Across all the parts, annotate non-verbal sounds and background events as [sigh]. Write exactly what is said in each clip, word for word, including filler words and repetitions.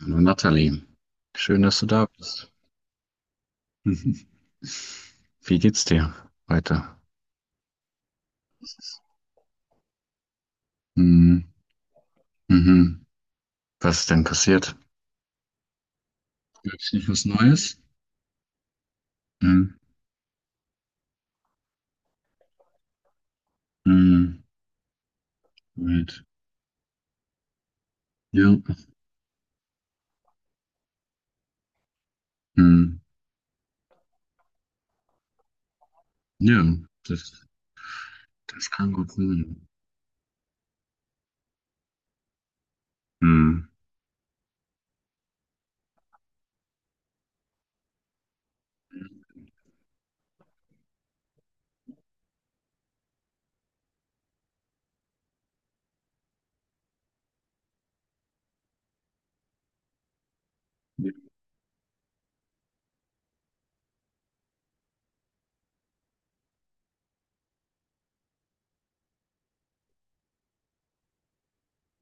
Hallo Nathalie, schön, dass du da bist. [laughs] Mhm. Wie geht's dir heute? Mhm. Mhm. Was ist denn passiert? Gab's noch was Neues? Mhm. Mhm. Right. Ja. Mhm. Ja, das, das kann gut sein. Mhm.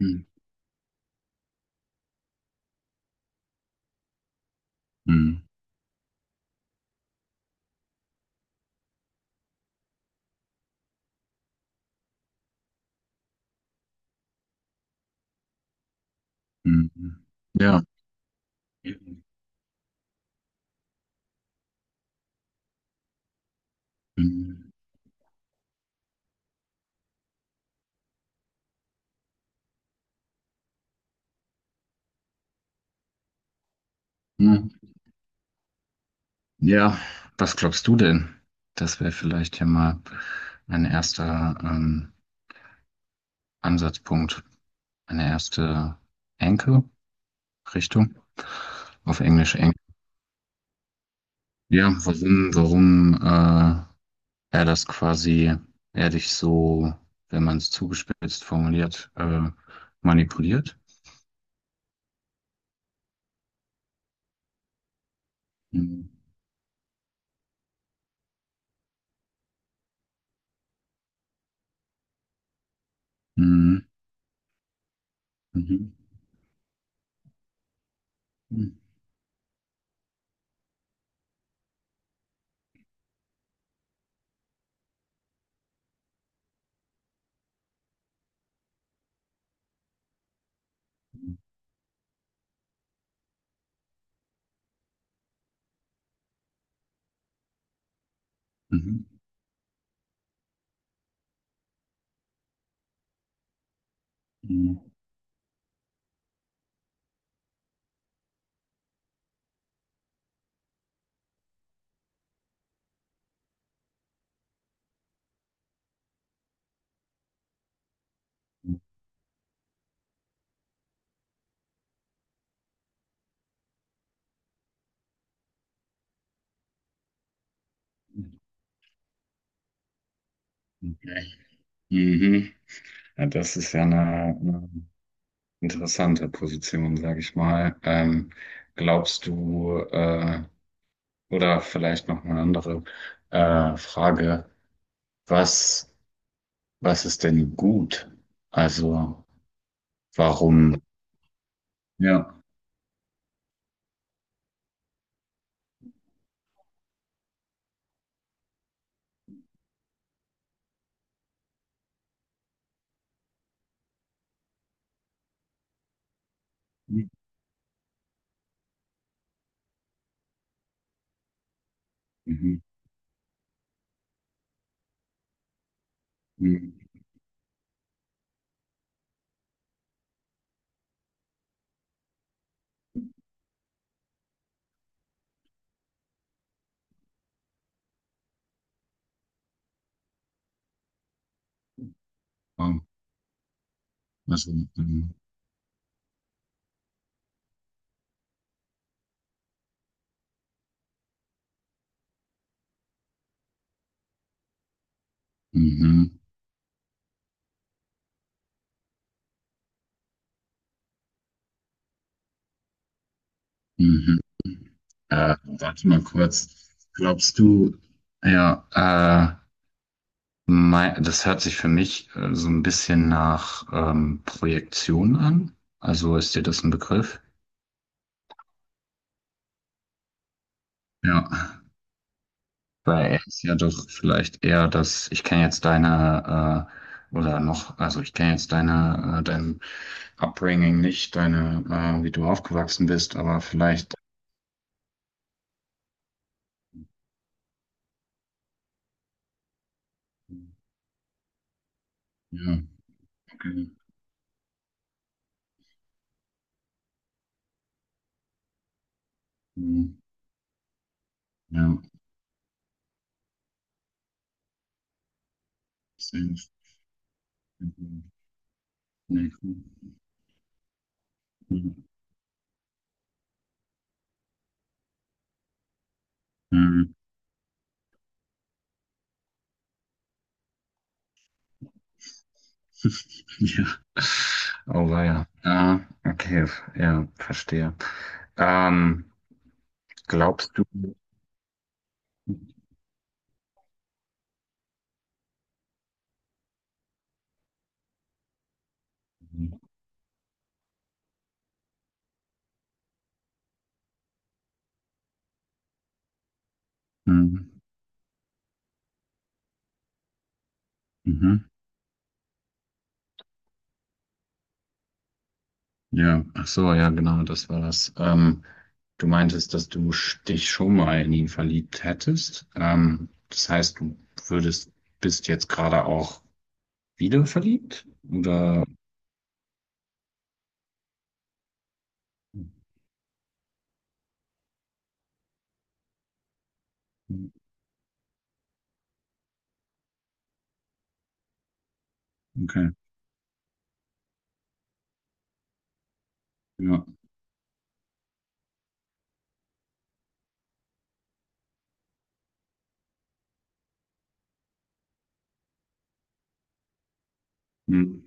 Mhm. Mhm. Mhm. Ja. Mhm. Mhm. Ja, was glaubst du denn? Das wäre vielleicht ja mal ein erster ähm, Ansatzpunkt. Eine erste Enkel-Richtung, auf Englisch Enkel. Ja, warum, warum äh, er das quasi, er dich so, wenn man es zugespitzt formuliert, äh, manipuliert? Mhm. Mhm. Mhm. Mhm. Mhm. Okay. Mhm. Ja, das ist ja eine, eine interessante Position, sage ich mal. Ähm, glaubst du, äh, oder vielleicht noch eine andere äh, Frage, was, was ist denn gut? Also, warum? Ja. Mhm. Mhm. Ja. Also, mhm. Mhm. Mhm. Äh, warte mal kurz. Glaubst du, ja, äh, mei- das hört sich für mich äh, so ein bisschen nach ähm, Projektion an. Also ist dir das ein Begriff? Ja. Weil er ist ja doch vielleicht eher das, ich kenne jetzt deine, äh, oder noch, also ich kenne jetzt deine, äh, dein Upbringing nicht, deine, äh, wie du aufgewachsen bist, aber vielleicht, äh, ja, okay, hm, ja, safe. Nee, cool. Hm, hm, [laughs] ja. Oh, weia. Ja, okay, f- ja, verstehe. Ähm, glaubst du, hm, mhm, ja, ach so, ja, genau, das war das. Ähm, Du meintest, dass du sch- dich schon mal in ihn verliebt hättest. Ähm, das heißt, du würdest, bist jetzt gerade auch wieder verliebt? Oder? Okay, ja. Hm.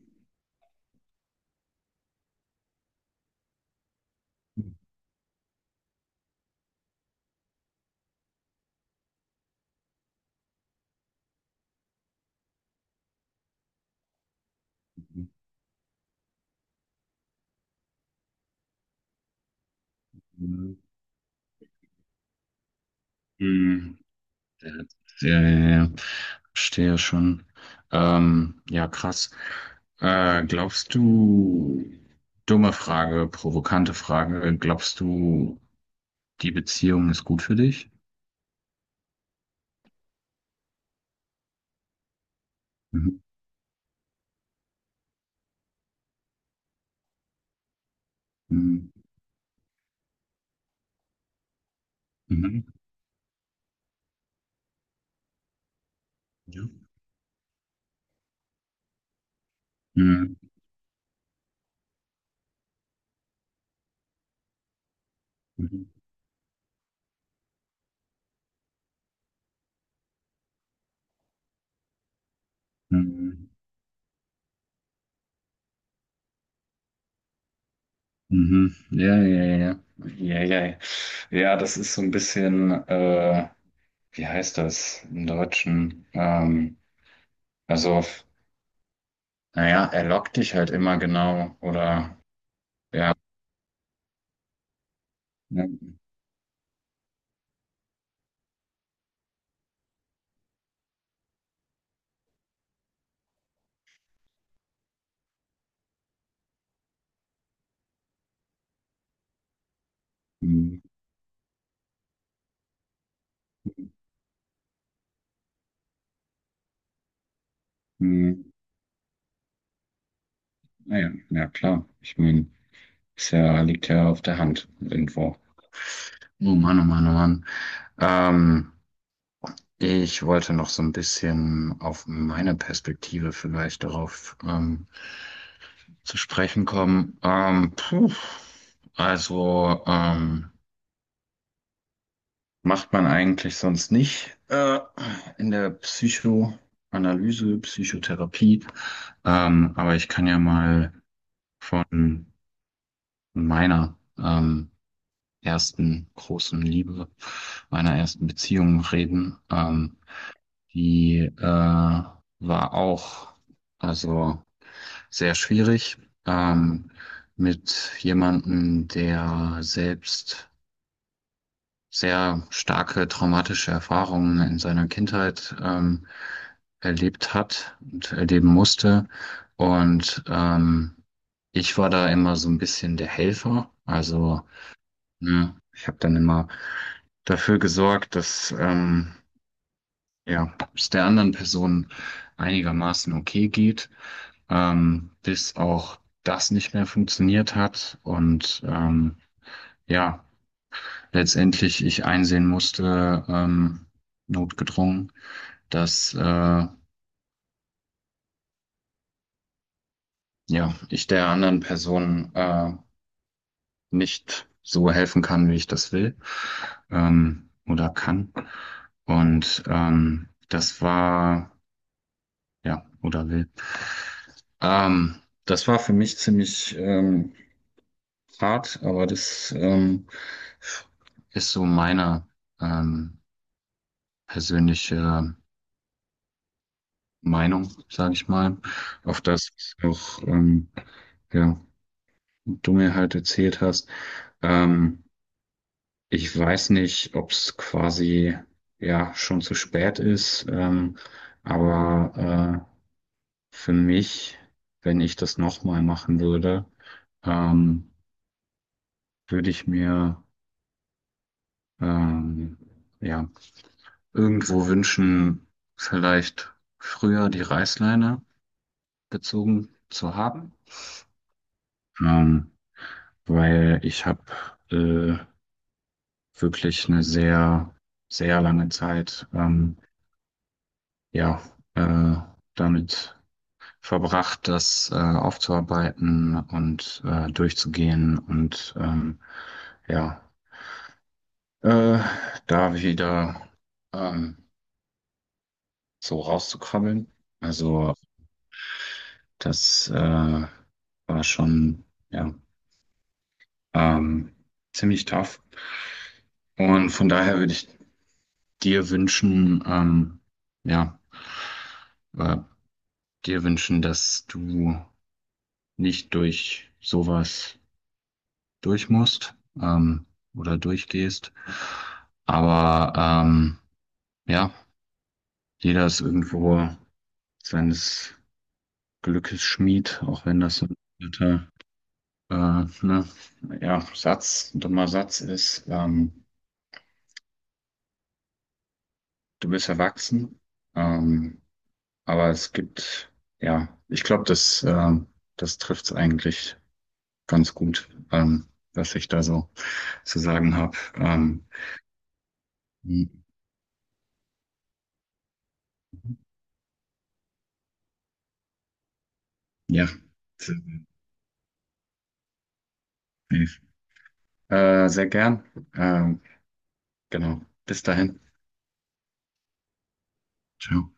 Hm. Ja, ja, ja. Verstehe schon. Ähm, ja, krass. Äh, glaubst du, dumme Frage, provokante Frage, glaubst du, die Beziehung ist gut für dich? Mhm. Mhm. Mhm. Ja. Mhm. Mhm. Mhm. Mhm. Ja, ja, ja, ja, ja, ja. Ja, das ist so ein bisschen, äh, wie heißt das im Deutschen? Ähm, also, f- naja, er lockt dich halt immer genau, oder, ja, ja, mhm. Mhm. Naja, ja, ja, klar. Ich meine, ist ja, liegt ja auf der Hand irgendwo. Oh Mann, oh Mann, oh Mann. Ähm, ich wollte noch so ein bisschen auf meine Perspektive vielleicht darauf ähm, zu sprechen kommen. Ähm, puh, also ähm, Macht man eigentlich sonst nicht äh, in der Psychoanalyse, Psychotherapie. Ähm, aber ich kann ja mal von meiner ähm, ersten großen Liebe, meiner ersten Beziehung reden. Ähm, die äh, War auch also sehr schwierig. Ähm, mit jemandem, der selbst sehr starke traumatische Erfahrungen in seiner Kindheit ähm, erlebt hat und erleben musste. Und ähm, ich war da immer so ein bisschen der Helfer. Also, ne, ich habe dann immer dafür gesorgt, dass ähm, ja, es der anderen Person einigermaßen okay geht, ähm, bis auch das nicht mehr funktioniert hat. Und ähm, ja, letztendlich ich einsehen musste, ähm, notgedrungen, dass äh, ja, ich der anderen Person äh, nicht so helfen kann, wie ich das will ähm, oder kann. Und ähm, das war, ja, oder will. Ähm, das war für mich ziemlich ähm, hart, aber das ähm, ist so meine ähm, persönliche Meinung, sage ich mal, auf das ich auch ähm, ja, du mir halt erzählt hast. Ähm, ich weiß nicht, ob es quasi ja schon zu spät ist, ähm, aber äh, für mich, wenn ich das nochmal machen würde, ähm, würde ich mir ähm, ja irgendwo wünschen, vielleicht früher die Reißleine gezogen zu haben, ähm, weil ich habe wirklich eine sehr, sehr lange Zeit, ähm, ja, äh, damit verbracht, das, äh, aufzuarbeiten und, äh, durchzugehen und, ähm, ja, äh, da wieder, ähm, so rauszukrabbeln. Also, das, äh, war schon, ja, ähm, ziemlich tough. Und von daher würde ich dir wünschen, ähm ja, äh, dir wünschen, dass du nicht durch sowas durch musst ähm, oder durchgehst. Aber ähm, ja, jeder ist irgendwo seines Glückes Schmied, auch wenn das so ein alter, äh, ne, ja, Satz, ein dummer Satz ist. Ähm, du bist erwachsen, ähm, aber es gibt, ja, ich glaube, das, ähm, das trifft es eigentlich ganz gut, ähm, was ich da so zu sagen habe. Ähm, Ja, definitiv. Äh, sehr gern. Ähm, genau. Bis dahin. Ciao.